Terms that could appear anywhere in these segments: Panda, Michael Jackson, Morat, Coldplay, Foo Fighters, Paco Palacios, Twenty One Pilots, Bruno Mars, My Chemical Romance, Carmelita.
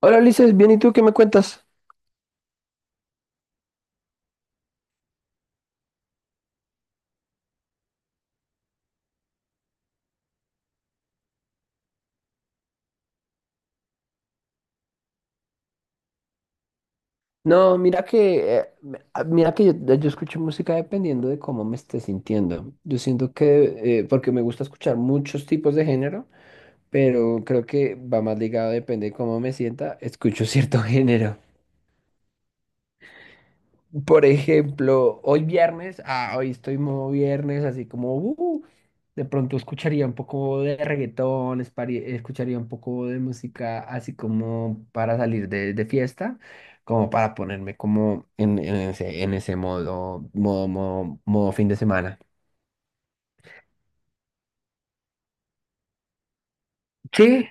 Hola Ulises, bien, ¿y tú qué me cuentas? No, mira que, mira que yo escucho música dependiendo de cómo me esté sintiendo. Yo siento que, porque me gusta escuchar muchos tipos de género, pero creo que va más ligado, depende de cómo me sienta, escucho cierto género. Por ejemplo, hoy viernes, hoy estoy modo viernes, así como, de pronto escucharía un poco de reggaetón, escucharía un poco de música, así como para salir de fiesta, como para ponerme como en ese modo, modo fin de semana. Sí.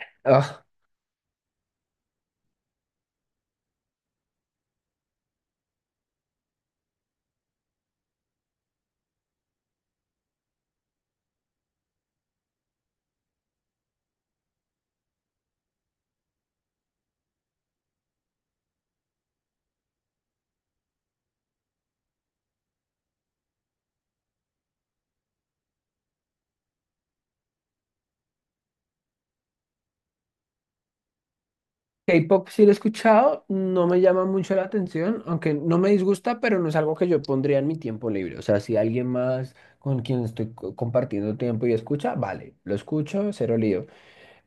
K-pop sí lo he escuchado, no me llama mucho la atención, aunque no me disgusta, pero no es algo que yo pondría en mi tiempo libre. O sea, si alguien más con quien estoy compartiendo tiempo y escucha, vale, lo escucho, cero lío.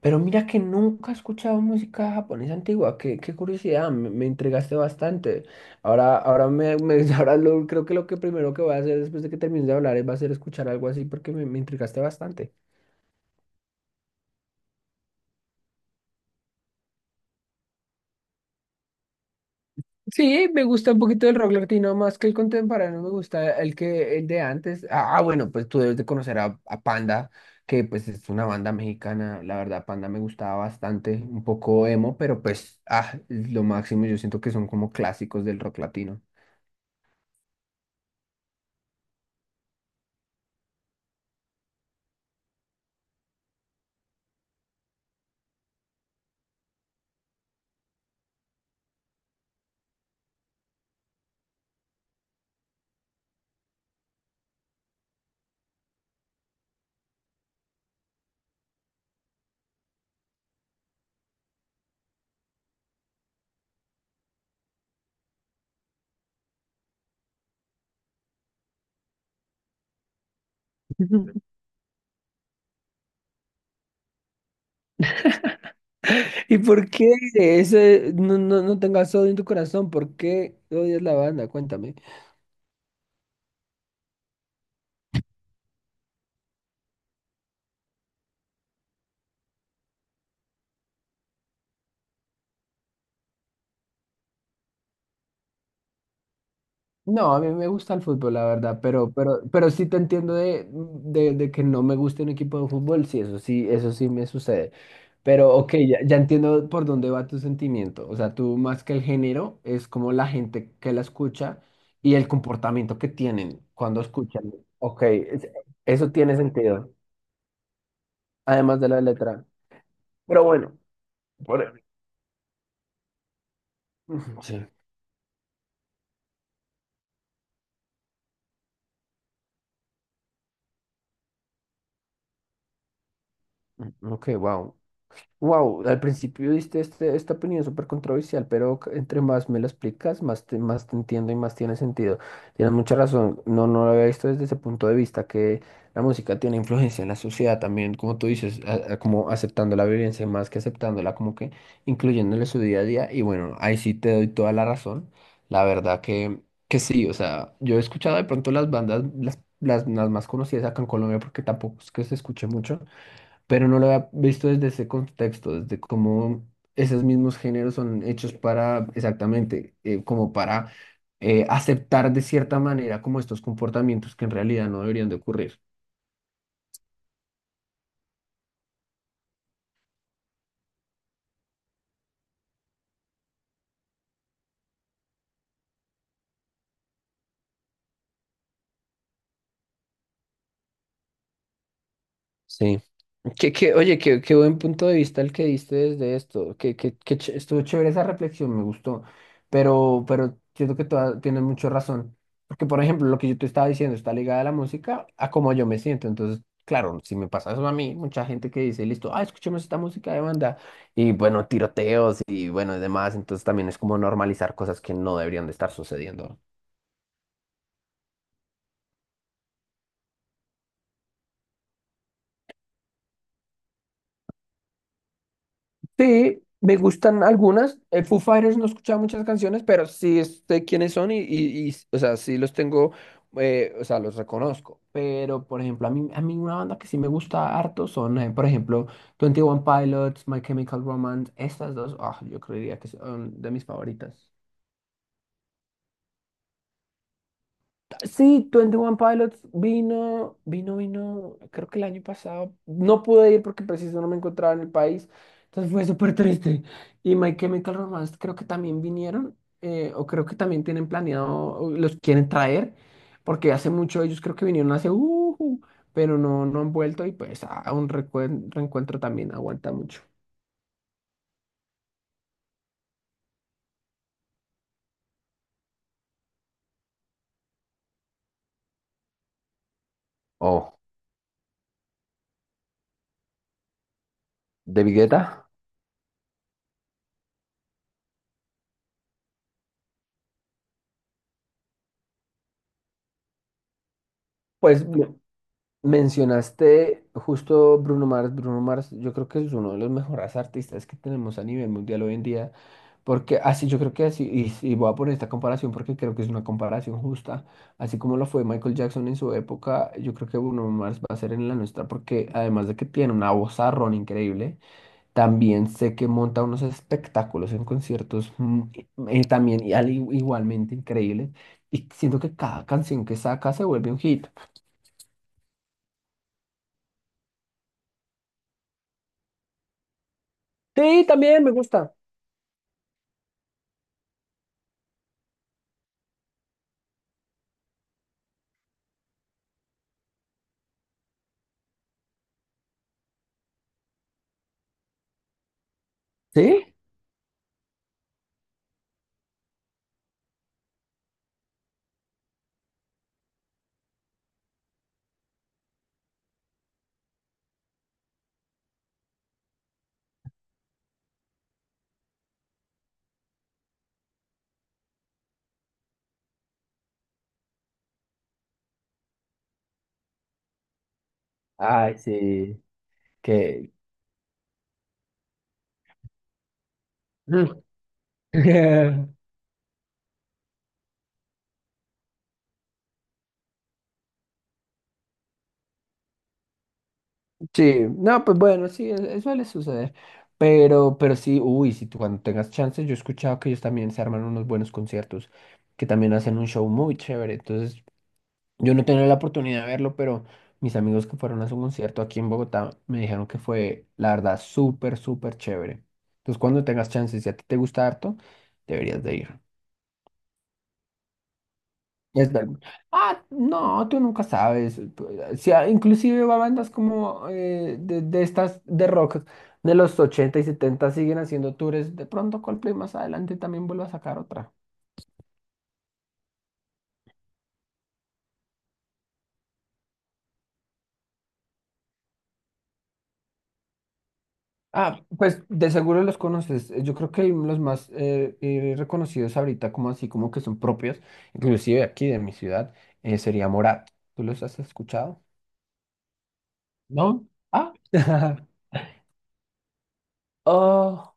Pero mira que nunca he escuchado música japonesa antigua, qué curiosidad, me intrigaste bastante. Creo que lo que primero que voy a hacer después de que termine de hablar es va a ser escuchar algo así porque me intrigaste bastante. Sí, me gusta un poquito el rock latino más que el contemporáneo, me gusta el que el de antes. Ah, bueno, pues tú debes de conocer a Panda, que pues es una banda mexicana. La verdad, Panda me gustaba bastante, un poco emo, pero pues ah, es lo máximo. Yo siento que son como clásicos del rock latino. ¿Y por qué ese no tengas odio en tu corazón? ¿Por qué odias la banda? Cuéntame. No, a mí me gusta el fútbol, la verdad, pero sí te entiendo de que no me guste un equipo de fútbol, sí, eso sí, eso sí me sucede. Pero ok, ya, ya entiendo por dónde va tu sentimiento. O sea, tú más que el género, es como la gente que la escucha y el comportamiento que tienen cuando escuchan. Ok, eso tiene sentido, además de la letra. Pero bueno, por- ujú, sí. Ok, wow. Wow, al principio diste este, esta opinión súper controversial, pero entre más me lo explicas, más te entiendo y más tiene sentido. Tienes mucha razón, no lo había visto desde ese punto de vista, que la música tiene influencia en la sociedad también, como tú dices, como aceptando la violencia más que aceptándola, como que incluyéndole su día a día. Y bueno, ahí sí te doy toda la razón. La verdad que sí, o sea, yo he escuchado de pronto las bandas, las más conocidas acá en Colombia, porque tampoco es que se escuche mucho pero no lo había visto desde ese contexto, desde cómo esos mismos géneros son hechos para, exactamente, como para aceptar de cierta manera como estos comportamientos que en realidad no deberían de ocurrir. Sí. Oye, qué buen punto de vista el que diste desde esto. Estuvo chévere esa reflexión, me gustó. Pero siento que tienes mucha razón. Porque, por ejemplo, lo que yo te estaba diciendo está ligada a la música, a cómo yo me siento. Entonces, claro, si me pasa eso a mí, mucha gente que dice, listo, ah, escuchemos esta música de banda. Y bueno, tiroteos y bueno, y demás. Entonces también es como normalizar cosas que no deberían de estar sucediendo. Sí, me gustan algunas. Foo Fighters no he escuchado muchas canciones, pero sí sé quiénes son y, o sea, sí los tengo, o sea, los reconozco. Pero, por ejemplo, a mí una banda que sí me gusta harto son, por ejemplo, Twenty One Pilots, My Chemical Romance, estas dos, ah, yo creería que son de mis favoritas. Sí, Twenty One Pilots vino, creo que el año pasado. No pude ir porque preciso no me encontraba en el país. Entonces fue súper triste. Y My Chemical Romance creo que también vinieron, o creo que también tienen planeado, o los quieren traer, porque hace mucho ellos creo que vinieron hace, pero no han vuelto y pues a un reencuentro también aguanta mucho. Oh, ¿de Guetta? Pues, no. Mencionaste justo Bruno Mars. Bruno Mars, yo creo que es uno de los mejores artistas que tenemos a nivel mundial hoy en día, porque así yo creo que así, y voy a poner esta comparación porque creo que es una comparación justa, así como lo fue Michael Jackson en su época, yo creo que Bruno Mars va a ser en la nuestra, porque además de que tiene una vozarrón increíble, también sé que monta unos espectáculos en conciertos también igualmente increíbles, y siento que cada canción que saca se vuelve un hit. Sí, también me gusta. ¿Sí? Ay, sí. Que... Mm. Sí, no, pues bueno, sí, suele suceder. Pero sí, uy, si tú cuando tengas chance, yo he escuchado que ellos también se arman unos buenos conciertos, que también hacen un show muy chévere. Entonces, yo no tenía la oportunidad de verlo, pero mis amigos que fueron a su concierto aquí en Bogotá me dijeron que fue, la verdad, súper chévere. Entonces, cuando tengas chance, si a ti te gusta harto, deberías de ir. Es verdad. Ah, no, tú nunca sabes. Si inclusive va bandas como de estas de rock de los 80 y 70 siguen haciendo tours. De pronto Coldplay más adelante también vuelve a sacar otra. Ah, pues de seguro los conoces. Eh, yo creo que los más reconocidos ahorita, como así, como que son propios, inclusive aquí de mi ciudad, sería Morat. ¿Tú los has escuchado? ¿No? Ah. Oh.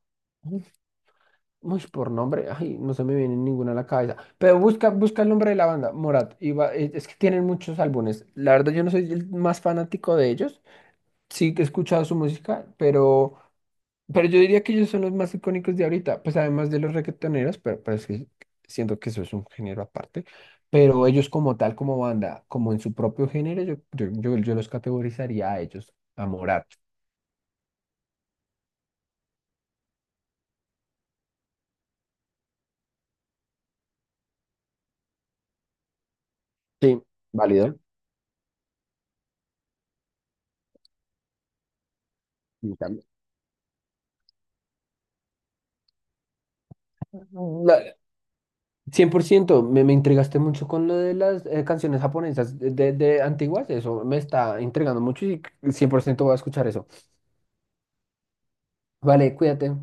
Uy, por nombre, ay, no se me viene ninguna a la cabeza. Pero busca el nombre de la banda, Morat. Es que tienen muchos álbumes. La verdad, yo no soy el más fanático de ellos. Sí que he escuchado su música, pero yo diría que ellos son los más icónicos de ahorita. Pues además de los reggaetoneros, pero es que siento que eso es un género aparte. Pero ellos como tal, como banda, como en su propio género, yo los categorizaría a ellos, a Morat. Sí, válido. Y tal. 100% me intrigaste mucho con lo de las canciones japonesas de antiguas, eso me está intrigando mucho y 100% voy a escuchar eso. Vale, cuídate.